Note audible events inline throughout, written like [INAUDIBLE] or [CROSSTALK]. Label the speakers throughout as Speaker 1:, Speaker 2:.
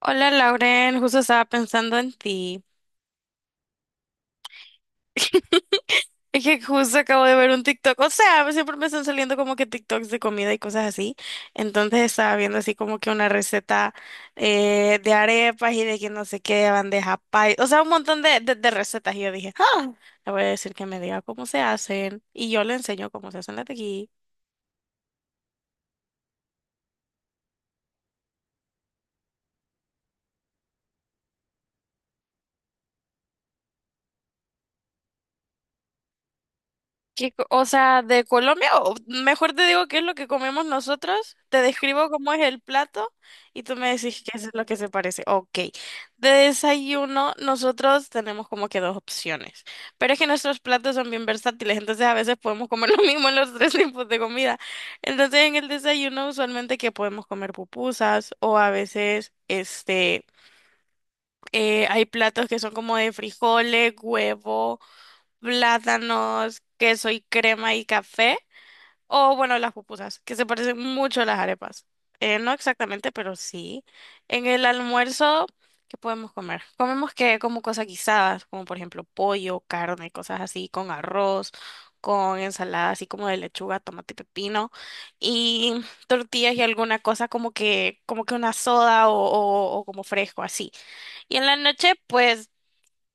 Speaker 1: Hola Lauren, justo estaba pensando en ti. [LAUGHS] Es que justo acabo de ver un TikTok, o sea, siempre me están saliendo como que TikToks de comida y cosas así. Entonces estaba viendo así como que una receta de arepas y de que no sé qué, bandeja pay, o sea, un montón de recetas. Y yo dije, ah, le voy a decir que me diga cómo se hacen y yo le enseño cómo se hacen las de aquí. ¿Qué co- o sea, de Colombia, o mejor te digo qué es lo que comemos nosotros? Te describo cómo es el plato y tú me decís qué es lo que se parece. Ok, de desayuno nosotros tenemos como que dos opciones, pero es que nuestros platos son bien versátiles, entonces a veces podemos comer [LAUGHS] lo mismo en los tres tipos de comida. Entonces en el desayuno usualmente que podemos comer pupusas o a veces hay platos que son como de frijoles, huevo, plátanos, queso y crema y café. O bueno, las pupusas, que se parecen mucho a las arepas. No exactamente, pero sí. En el almuerzo, ¿qué podemos comer? Comemos que como cosas guisadas, como por ejemplo pollo, carne, cosas así, con arroz, con ensalada así como de lechuga, tomate y pepino, y tortillas y alguna cosa como que una soda o como fresco así. Y en la noche, pues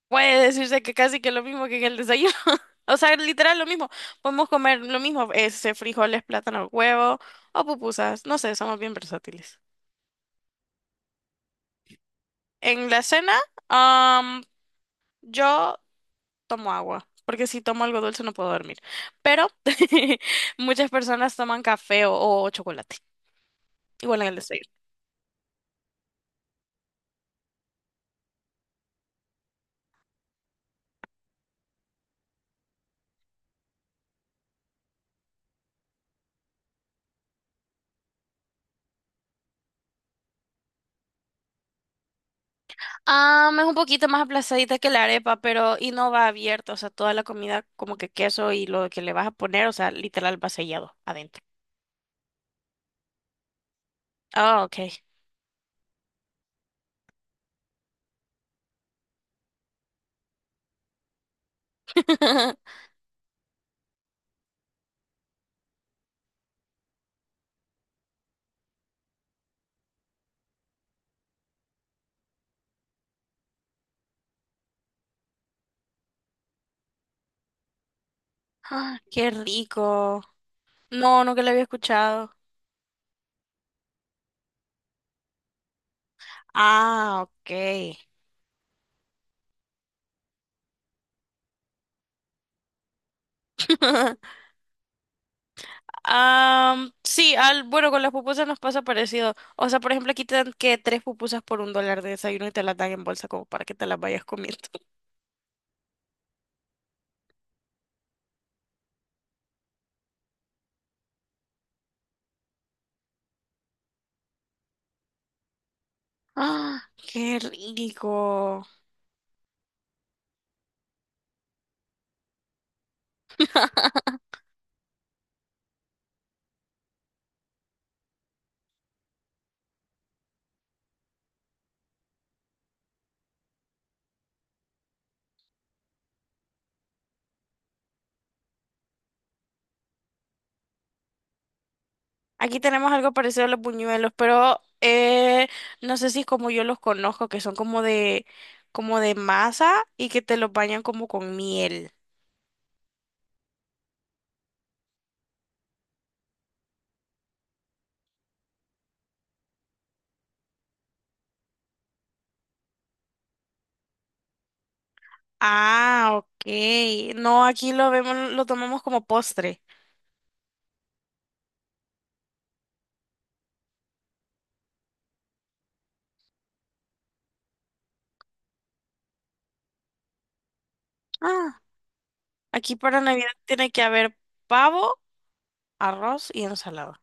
Speaker 1: puede decirse que casi que lo mismo que el desayuno. [LAUGHS] O sea, literal lo mismo. Podemos comer lo mismo, ese frijoles, plátano, huevo o pupusas. No sé, somos bien versátiles. En la cena, am, yo tomo agua, porque si tomo algo dulce no puedo dormir. Pero [LAUGHS] muchas personas toman café o chocolate. Igual en el desayuno. Ah, es un poquito más aplazadita que la arepa, pero y no va abierta, o sea, toda la comida como que queso y lo que le vas a poner, o sea, literal va sellado adentro. Ah, ok. [LAUGHS] Ah, qué rico. No, nunca lo había escuchado. Ah, ok. [LAUGHS] Am, sí, al, bueno, con las pupusas nos pasa parecido. O sea, por ejemplo, aquí te dan que tres pupusas por un dólar de desayuno y te las dan en bolsa como para que te las vayas comiendo. [LAUGHS] Ah, qué rico. Aquí tenemos algo parecido a los buñuelos, pero no sé si es como yo los conozco, que son como de masa y que te los bañan como con miel. Ah, ok. No, aquí lo vemos, lo tomamos como postre. Ah, aquí para Navidad tiene que haber pavo, arroz y ensalada.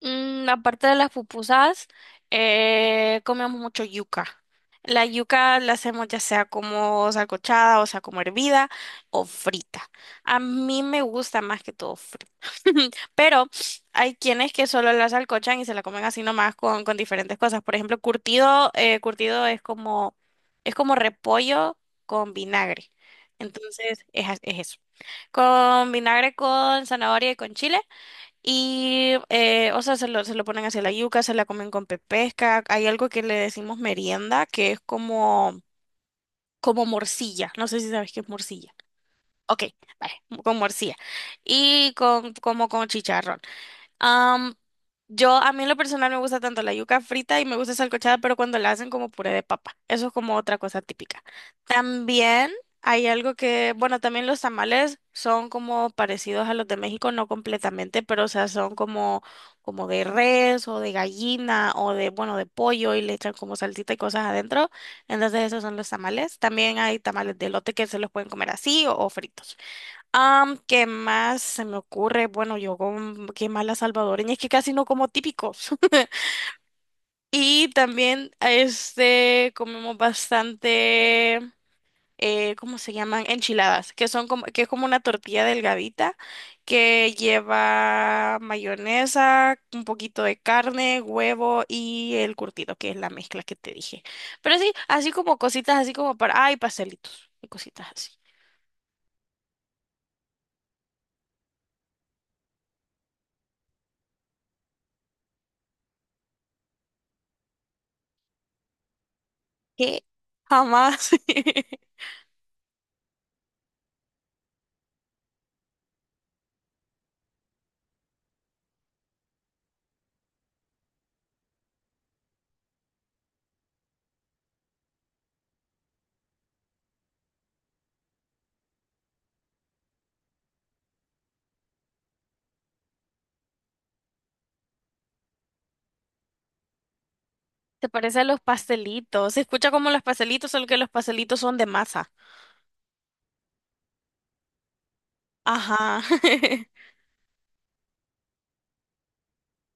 Speaker 1: Mm, aparte de las pupusas, comemos mucho yuca. La yuca la hacemos ya sea como salcochada, o sea, como hervida o frita. A mí me gusta más que todo frita. [LAUGHS] Pero hay quienes que solo la salcochan y se la comen así nomás con diferentes cosas. Por ejemplo, curtido, curtido es como repollo con vinagre. Entonces, es, a- es eso. Con vinagre, con zanahoria y con chile. Y, o sea, se lo ponen hacia la yuca, se la comen con pepesca. Hay algo que le decimos merienda, que es como, como morcilla. No sé si sabes qué es morcilla. Ok, vale, con morcilla. Y con, como con chicharrón. Am, yo, a mí en lo personal me gusta tanto la yuca frita y me gusta salcochada, pero cuando la hacen como puré de papa. Eso es como otra cosa típica. También hay algo que, bueno, también los tamales son como parecidos a los de México, no completamente, pero o sea, son como, como de res o de gallina o de, bueno, de pollo y le echan como salsita y cosas adentro. Entonces esos son los tamales. También hay tamales de elote que se los pueden comer así o fritos. Am, ¿qué más se me ocurre? Bueno, yo con qué más la salvadoreña, es que casi no como típicos. [LAUGHS] Y también este comemos bastante ¿cómo se llaman? Enchiladas, que son como, que es como una tortilla delgadita que lleva mayonesa, un poquito de carne, huevo y el curtido, que es la mezcla que te dije. Pero sí, así como cositas, así como para, ay, pastelitos y cositas así. Que jamás. [LAUGHS] Se parece a los pastelitos. Se escucha como los pastelitos, solo que los pastelitos son de masa. Ajá. [LAUGHS]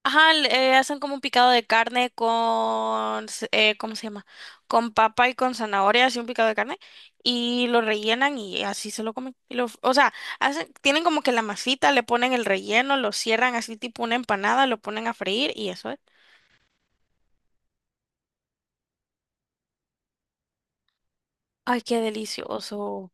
Speaker 1: Ajá, le- hacen como un picado de carne con, s- ¿cómo se llama? Con papa y con zanahoria, así un picado de carne, y lo rellenan y así se lo comen. Y lo- o sea, hacen, tienen como que la masita, le ponen el relleno, lo cierran así tipo una empanada, lo ponen a freír y eso es. Ay, qué delicioso.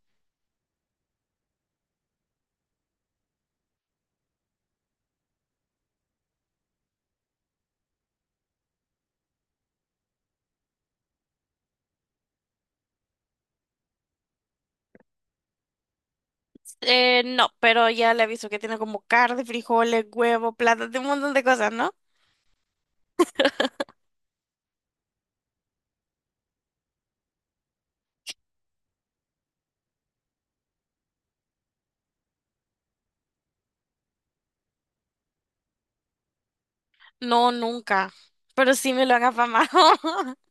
Speaker 1: No, pero ya le aviso que tiene como carne, frijoles, huevo, plátano, un montón de cosas, ¿no? No, nunca. Pero sí me lo han afamado. [LAUGHS]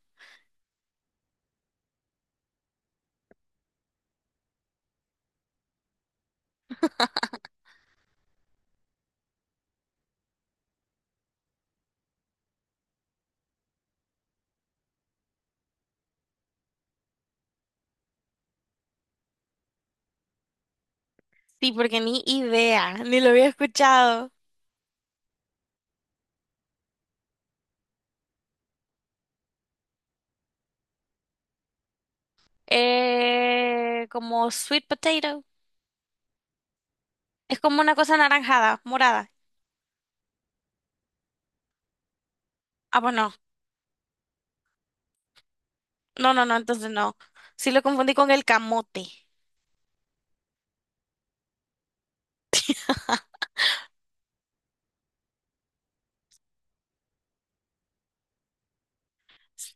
Speaker 1: Sí, porque ni idea, ni lo había escuchado. Como sweet potato. Es como una cosa anaranjada, morada. Ah, pues no. No, no, no, entonces no. Sí lo confundí con el camote.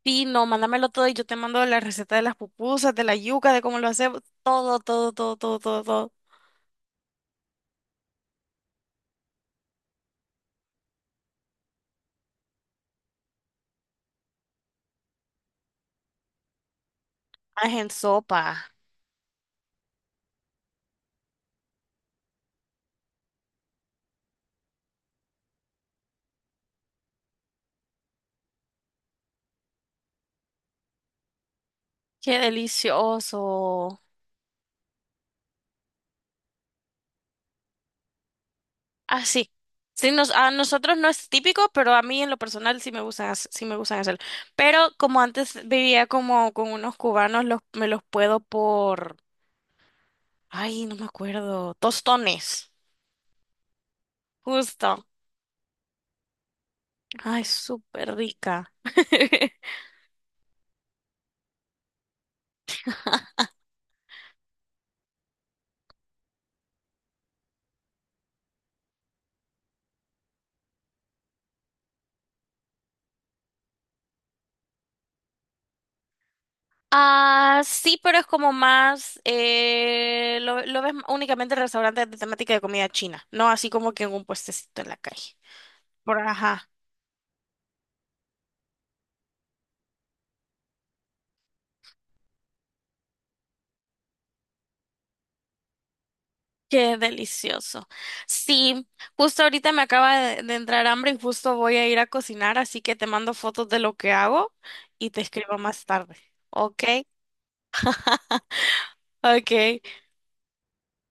Speaker 1: Sí, no, mándamelo todo y yo te mando la receta de las pupusas, de la yuca, de cómo lo hacemos. Todo, todo, todo, todo, todo, todo. Ah, es en sopa. Qué delicioso. Ah, sí. Sí, nos, a nosotros no es típico, pero a mí en lo personal sí me gustan, hac- sí me gustan hacerlo. Pero como antes vivía como con unos cubanos, los, me los puedo por, ay, no me acuerdo, tostones, justo. Ay, súper rica. [LAUGHS] Ah, sí, pero es como más, lo ves únicamente en restaurantes de temática de comida china, no así como que en un puestecito en la calle. Por, ajá. Qué delicioso. Sí, justo ahorita me acaba de entrar hambre y justo voy a ir a cocinar, así que te mando fotos de lo que hago y te escribo más tarde. Ok, ok.